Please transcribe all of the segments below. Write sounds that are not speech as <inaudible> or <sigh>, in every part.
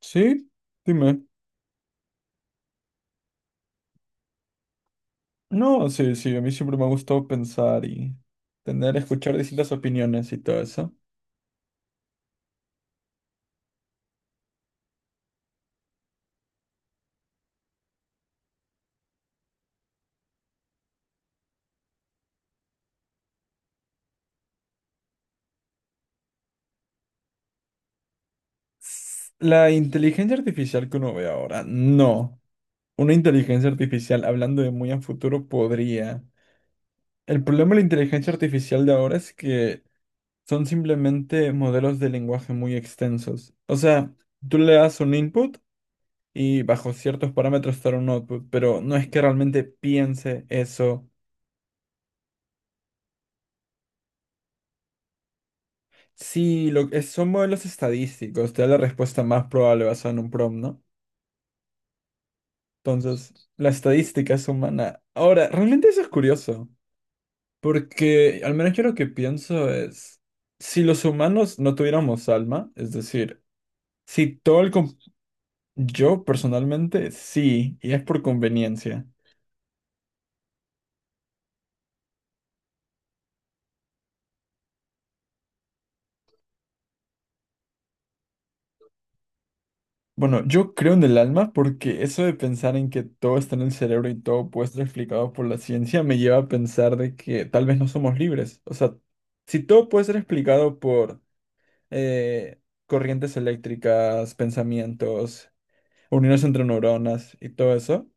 Sí, dime. No, sí, sí, a mí siempre me ha gustado pensar y tener, escuchar distintas opiniones y todo eso. La inteligencia artificial que uno ve ahora, no. Una inteligencia artificial, hablando de muy a futuro, podría. El problema de la inteligencia artificial de ahora es que son simplemente modelos de lenguaje muy extensos. O sea, tú le das un input y bajo ciertos parámetros te da un output, pero no es que realmente piense eso. Sí, son modelos estadísticos, te da la respuesta más probable basada en un prom, ¿no? Entonces, la estadística es humana. Ahora, realmente eso es curioso, porque al menos yo lo que pienso es, si los humanos no tuviéramos alma, es decir, si todo el... com- Yo personalmente sí, y es por conveniencia. Bueno, yo creo en el alma porque eso de pensar en que todo está en el cerebro y todo puede estar explicado por la ciencia me lleva a pensar de que tal vez no somos libres. O sea, si todo puede ser explicado por eh, corrientes eléctricas, pensamientos, uniones entre neuronas y todo eso,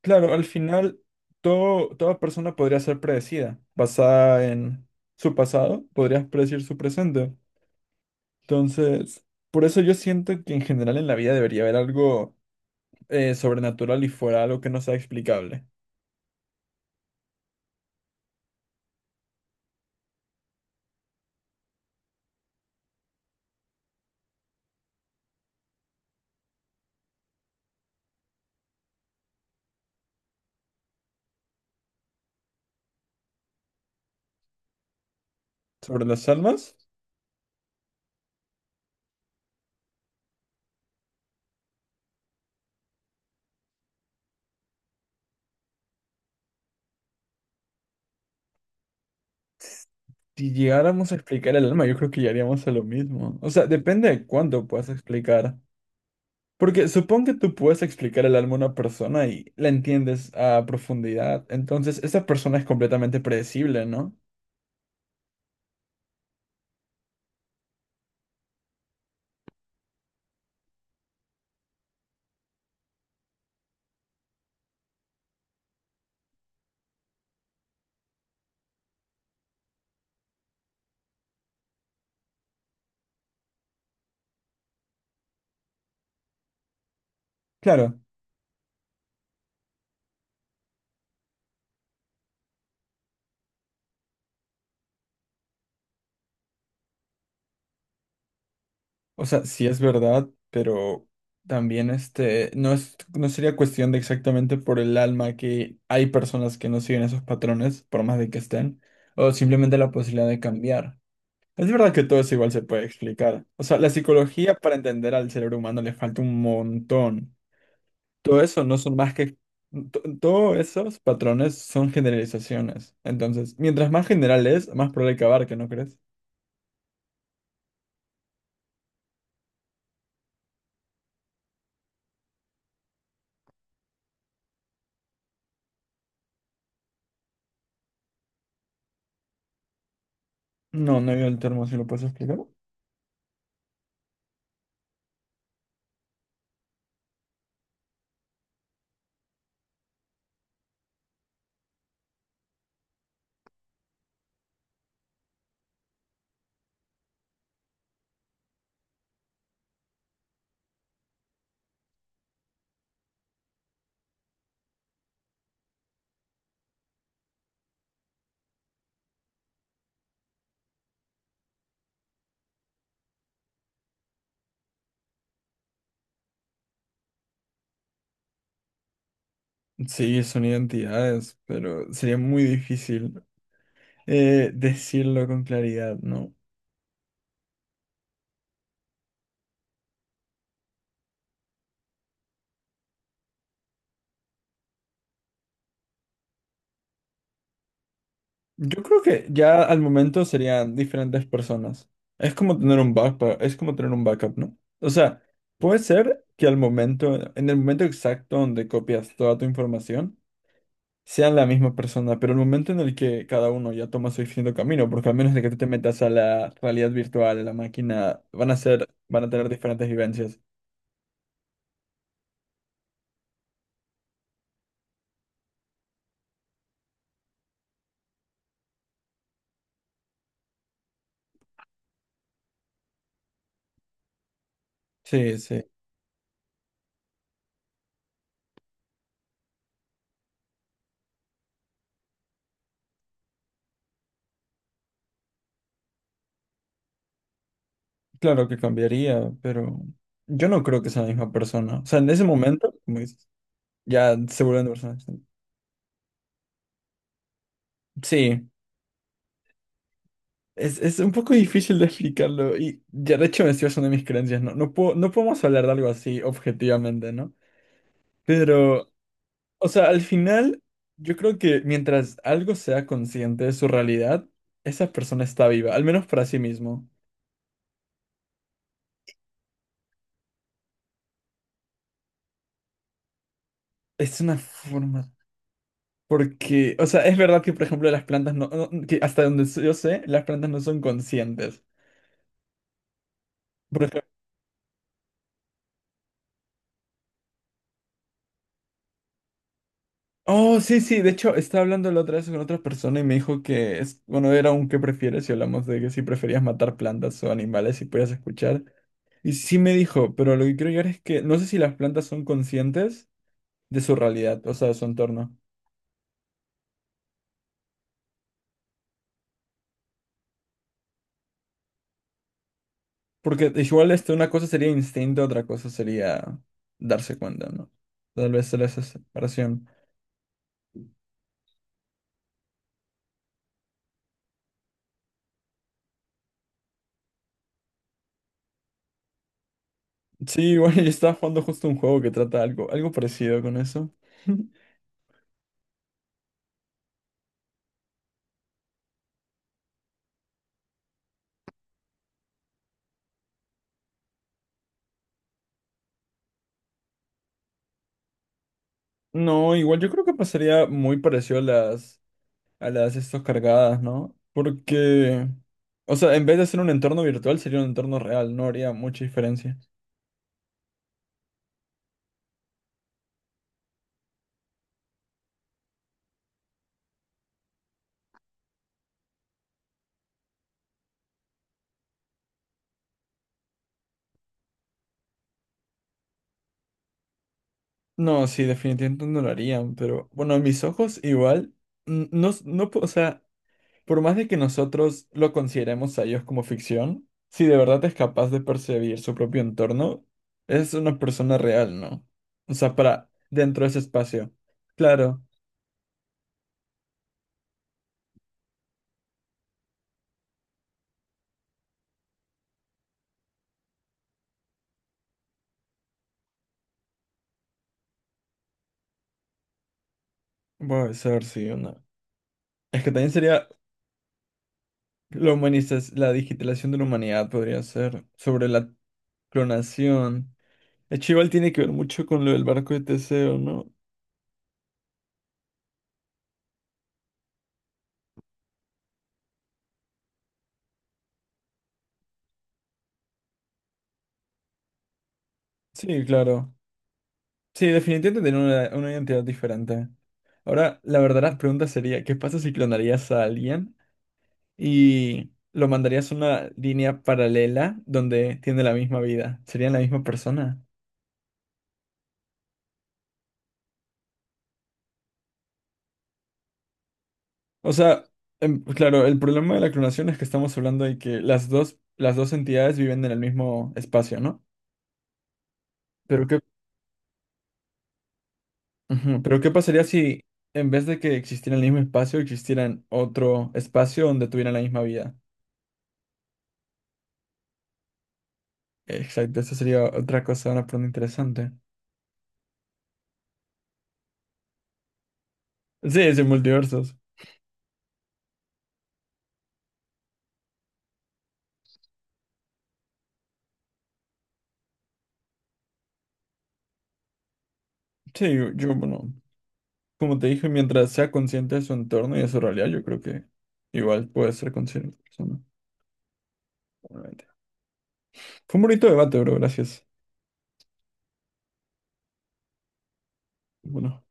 claro, al final toda persona podría ser predecida, basada en su pasado, podrías predecir su presente. Entonces, por eso yo siento que en general en la vida debería haber algo sobrenatural y fuera algo que no sea explicable. Sobre las almas, si llegáramos a explicar el alma, yo creo que ya haríamos a lo mismo. O sea, depende de cuánto puedas explicar. Porque supón que tú puedes explicar el alma a una persona y la entiendes a profundidad. Entonces, esa persona es completamente predecible, ¿no? Claro. O sea, sí es verdad, pero también no sería cuestión de exactamente por el alma que hay personas que no siguen esos patrones, por más de que estén, o simplemente la posibilidad de cambiar. Es verdad que todo eso igual se puede explicar. O sea, la psicología para entender al cerebro humano le falta un montón. Todo eso no son más que... Todo esos patrones son generalizaciones. Entonces, mientras más general es, más probable que abarque, ¿no crees? No, no veo el termo, ¿si lo puedes explicar? Sí, son identidades, pero sería muy difícil decirlo con claridad, ¿no? Yo creo que ya al momento serían diferentes personas. Es como tener un backup, ¿no? O sea, puede ser que al momento, en el momento exacto donde copias toda tu información, sean la misma persona, pero el momento en el que cada uno ya toma su distinto camino, porque al menos de que tú te metas a la realidad virtual, a la máquina, van a tener diferentes vivencias. Sí, sí. Claro que cambiaría, pero yo no creo que sea la misma persona. O sea, en ese momento, como dices, ya se vuelven personas. Sí, es un poco difícil de explicarlo y ya de hecho eso es una de mis creencias, ¿no? No podemos hablar de algo así objetivamente, ¿no? Pero, o sea, al final yo creo que mientras algo sea consciente de su realidad, esa persona está viva, al menos para sí mismo. Es una forma, porque, o sea, es verdad que, por ejemplo, las plantas no, que hasta donde yo sé, las plantas no son conscientes. Oh, sí, sí, de hecho estaba hablando la otra vez con otra persona y me dijo que, bueno, era un qué prefieres y hablamos de que si preferías matar plantas o animales y podías escuchar. Y sí me dijo, pero lo que quiero llegar es que no sé si las plantas son conscientes de su realidad, o sea, de su entorno. Porque igual una cosa sería instinto, otra cosa sería darse cuenta, ¿no? Tal vez era esa separación. Sí, bueno, <laughs> yo estaba jugando justo un juego que trata algo parecido con eso. <laughs> No, igual yo creo que pasaría muy parecido a las estas cargadas, ¿no? Porque, o sea, en vez de ser un entorno virtual, sería un entorno real, no haría mucha diferencia. No, sí, definitivamente no lo harían, pero bueno, a mis ojos igual, n- no, s- no, po- o sea, por más de que nosotros lo consideremos a ellos como ficción, si de verdad es capaz de percibir su propio entorno, es una persona real, ¿no? O sea, para dentro de ese espacio. Claro, puede ser, sí, una. Es que también sería la humanización, la digitalización de la humanidad podría ser sobre la clonación. El chival tiene que ver mucho con lo del barco de Teseo, ¿no? Sí, claro. Sí, definitivamente tener una identidad diferente. Ahora, la verdadera pregunta sería, ¿qué pasa si clonarías a alguien y lo mandarías a una línea paralela donde tiene la misma vida? ¿Serían la misma persona? O sea, claro, el problema de la clonación es que estamos hablando de que las dos entidades viven en el mismo espacio, ¿no? Pero ¿qué Ujú. Pero ¿qué pasaría si en vez de que existiera el mismo espacio, existieran otro espacio donde tuvieran la misma vida? Exacto, esa sería otra cosa, una pregunta interesante. Sí, es sí, multiversos. Sí, bueno, como te dije, mientras sea consciente de su entorno y de su realidad, yo creo que igual puede ser consciente. Persona, realmente. Fue un bonito debate, bro, gracias. Bueno,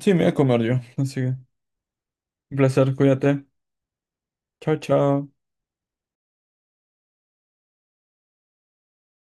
sí, me voy a comer yo, así que un placer, cuídate. Chao, chao.